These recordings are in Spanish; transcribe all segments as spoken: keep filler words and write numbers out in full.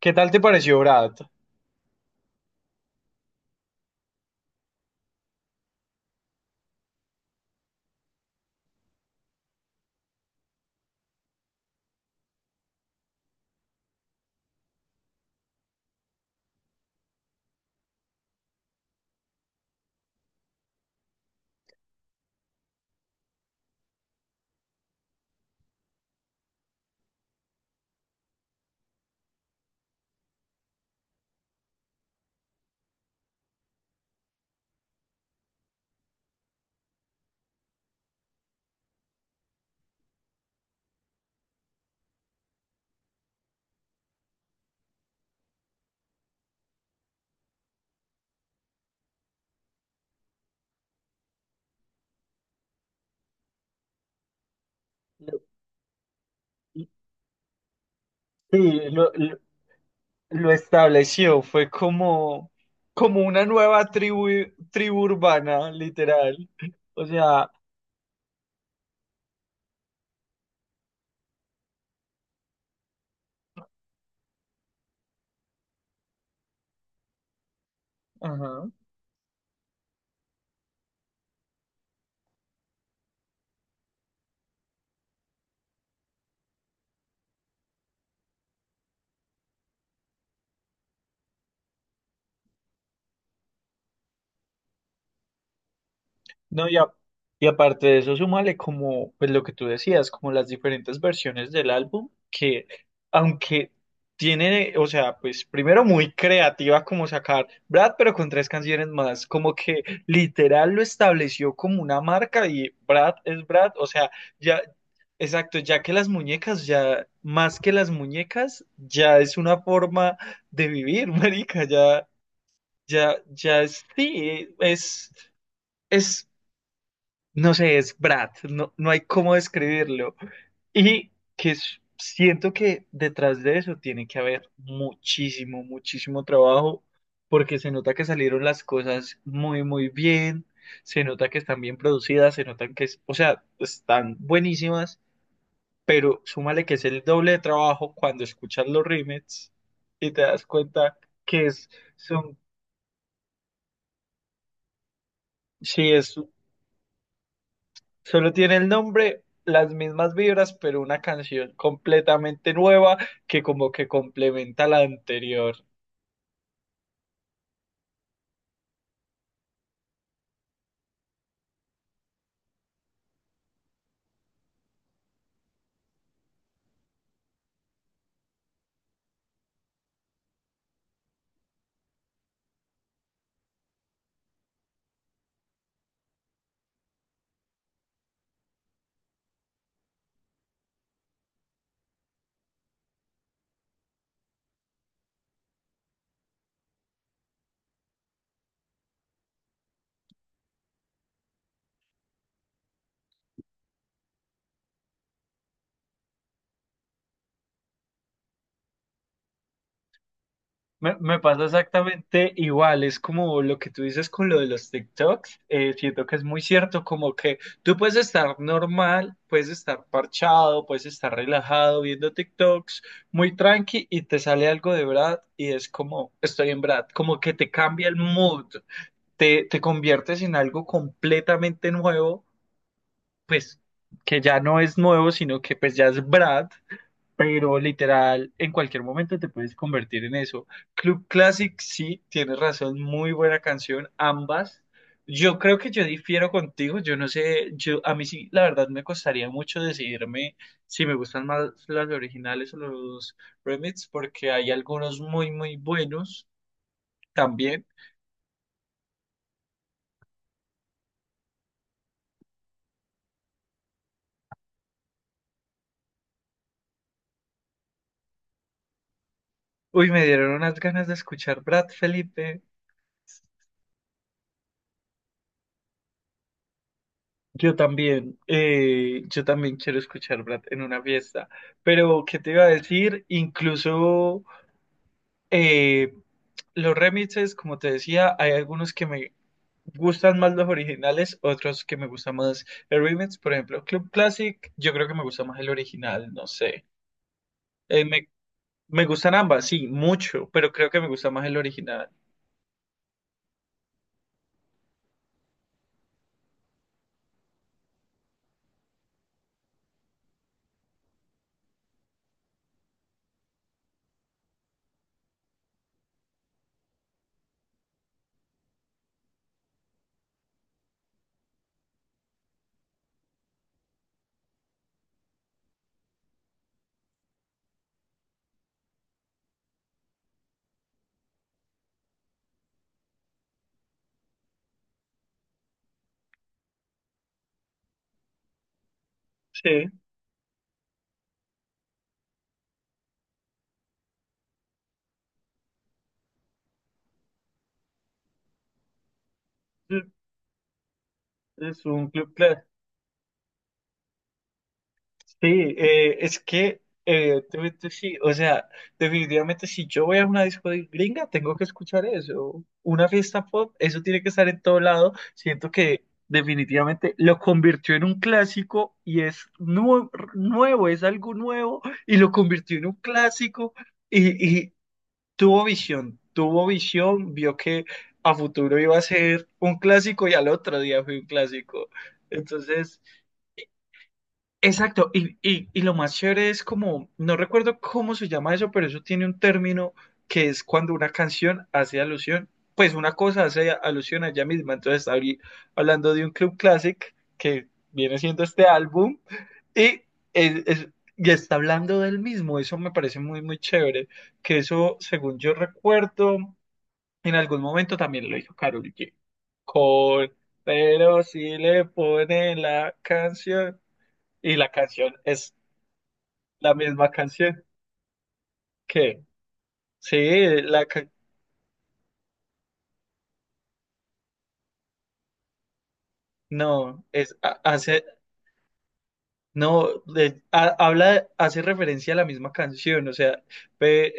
¿Qué tal te pareció Brad? Lo- Sí, lo, lo- lo estableció, fue como, como una nueva tribu, tribu urbana, literal. O sea, ajá. No, y, a- y aparte de eso, súmale como, pues lo que tú decías, como las diferentes versiones del álbum, que aunque tiene, o sea, pues primero muy creativa como sacar Brad, pero con tres canciones más, como que literal lo estableció como una marca y Brad es Brad, o sea, ya, exacto, ya que las muñecas, ya más que las muñecas, ya es una forma de vivir, marica, ya, ya, ya es, sí, es... Es no sé, es Brad, no, no hay cómo describirlo. Y que s- siento que detrás de eso tiene que haber muchísimo, muchísimo trabajo, porque se nota que salieron las cosas muy, muy bien, se nota que están bien producidas, se notan que, es- o sea, están buenísimas, pero súmale que es el doble de trabajo cuando escuchas los remixes y te das cuenta que es, son, sí, es solo tiene el nombre, las mismas vibras, pero una canción completamente nueva que como que complementa la anterior. Me, me pasa exactamente igual, es como lo que tú dices con lo de los TikToks, eh, siento que es muy cierto, como que tú puedes estar normal, puedes estar parchado, puedes estar relajado viendo TikToks, muy tranqui y te sale algo de Brad y es como, estoy en Brad, como que te cambia el mood, te, te conviertes en algo completamente nuevo pues que ya no es nuevo, sino que pues ya es Brad, pero literal en cualquier momento te puedes convertir en eso. Club Classic, sí, tienes razón, muy buena canción, ambas. Yo creo que yo difiero contigo, yo no sé, yo a mí sí, la verdad me costaría mucho decidirme si me gustan más las originales o los remix, porque hay algunos muy, muy buenos también. Uy, me dieron unas ganas de escuchar Brad Felipe. Yo también, eh, yo también quiero escuchar Brad en una fiesta, pero ¿qué te iba a decir? Incluso eh, los remixes, como te decía, hay algunos que me gustan más los originales, otros que me gustan más el remix, por ejemplo, Club Classic, yo creo que me gusta más el original, no sé. Eh, me, me gustan ambas, sí, mucho, pero creo que me gusta más el original. Sí, es es un Club Classic. Sí, eh, es que evidentemente sí, o sea, definitivamente si yo voy a una disco de gringa, tengo que escuchar eso. Una fiesta pop, eso tiene que estar en todo lado. Siento que definitivamente lo convirtió en un clásico y es nue- nuevo, es algo nuevo y lo convirtió en un clásico y, y tuvo visión, tuvo visión, vio que a futuro iba a ser un clásico y al otro día fue un clásico. Entonces... Exacto, y, y, y lo más chévere es como, no recuerdo cómo se llama eso, pero eso tiene un término que es cuando una canción hace alusión, pues una cosa hace alusión a ella misma, entonces abrí hablando de un club classic que viene siendo este álbum y, es- es- y está hablando del mismo, eso me parece muy, muy chévere, que eso, según yo recuerdo, en algún momento también lo hizo Karol G, con, pero si le ponen la canción. Y la canción es la misma canción. ¿Qué? Sí, la ca- no, es ha- hace no de- ha- habla hace referencia a la misma canción, o sea, ve.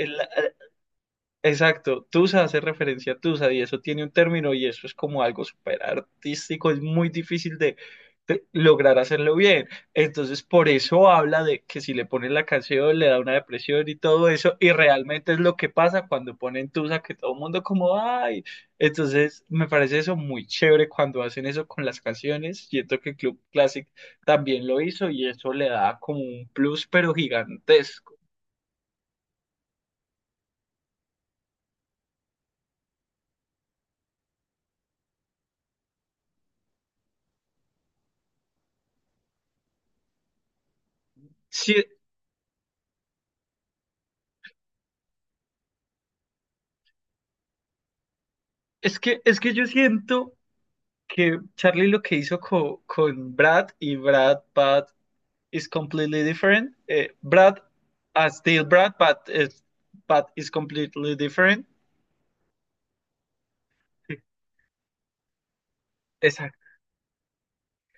Exacto, Tusa hace referencia a Tusa y eso tiene un término y eso es como algo súper artístico, es muy difícil de, de lograr hacerlo bien. Entonces, por eso habla de que si le ponen la canción le da una depresión y todo eso, y realmente es lo que pasa cuando ponen Tusa, que todo el mundo como, ay, entonces me parece eso muy chévere cuando hacen eso con las canciones. Siento que Club Classic también lo hizo y eso le da como un plus, pero gigantesco. Sí, es que, es que yo siento... que Charlie lo que hizo co- con Brad y Brad But is completely different. Eh, Brad as still Brad, but is, but is completely different. Sí. Exacto.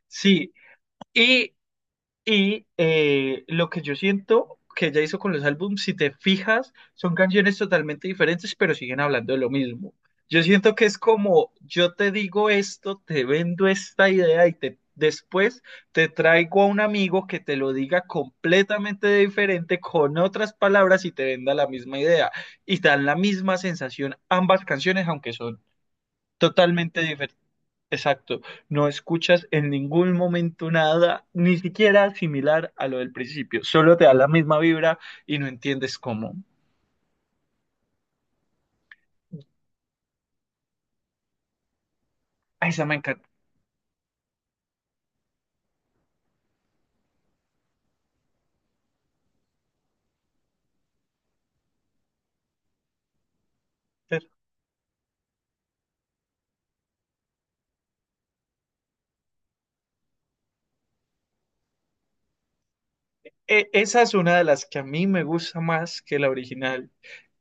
Sí. Y Y eh, lo que yo siento que ella hizo con los álbumes, si te fijas, son canciones totalmente diferentes, pero siguen hablando de lo mismo. Yo siento que es como, yo te digo esto, te vendo esta idea y te, después te traigo a un amigo que te lo diga completamente diferente, con otras palabras y te venda la misma idea. Y dan la misma sensación ambas canciones, aunque son totalmente diferentes. Exacto, no escuchas en ningún momento nada, ni siquiera similar a lo del principio, solo te da la misma vibra y no entiendes cómo. Ah, esa me encanta. E- esa es una de las que a mí me gusta más que la original.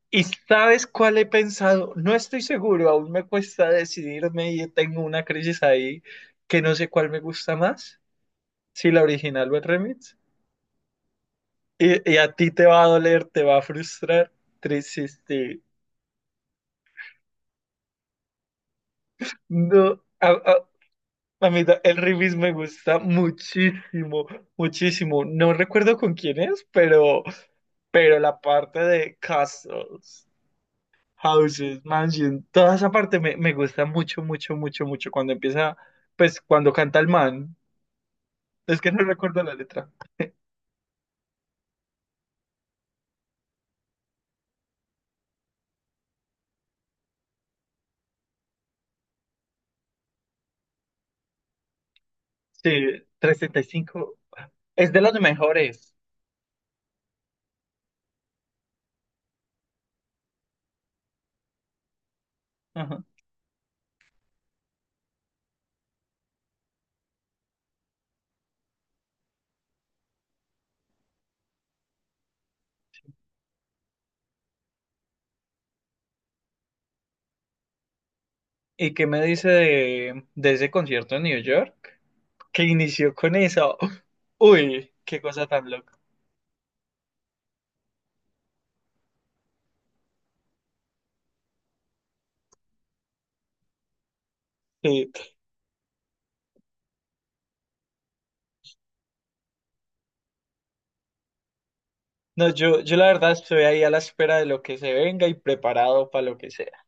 ¿Y sabes cuál he pensado? No estoy seguro, aún me cuesta decidirme y tengo una crisis ahí que no sé cuál me gusta más, si la original o el remix. Y, y a ti te va a doler, te va a frustrar, triste. No, a mí ta- el remix me gusta muchísimo, muchísimo. No recuerdo con quién es, pero, pero la parte de castles, houses, mansion, toda esa parte me, me gusta mucho, mucho, mucho, mucho. Cuando empieza, pues cuando canta el man, es que no recuerdo la letra. Sí, trescientos setenta y cinco es de los mejores. Ajá. ¿Y qué me dice de, de ese concierto en New York? Que inició con eso. Uy, qué cosa tan loca. Sí. No, yo, yo la verdad estoy ahí a la espera de lo que se venga y preparado para lo que sea.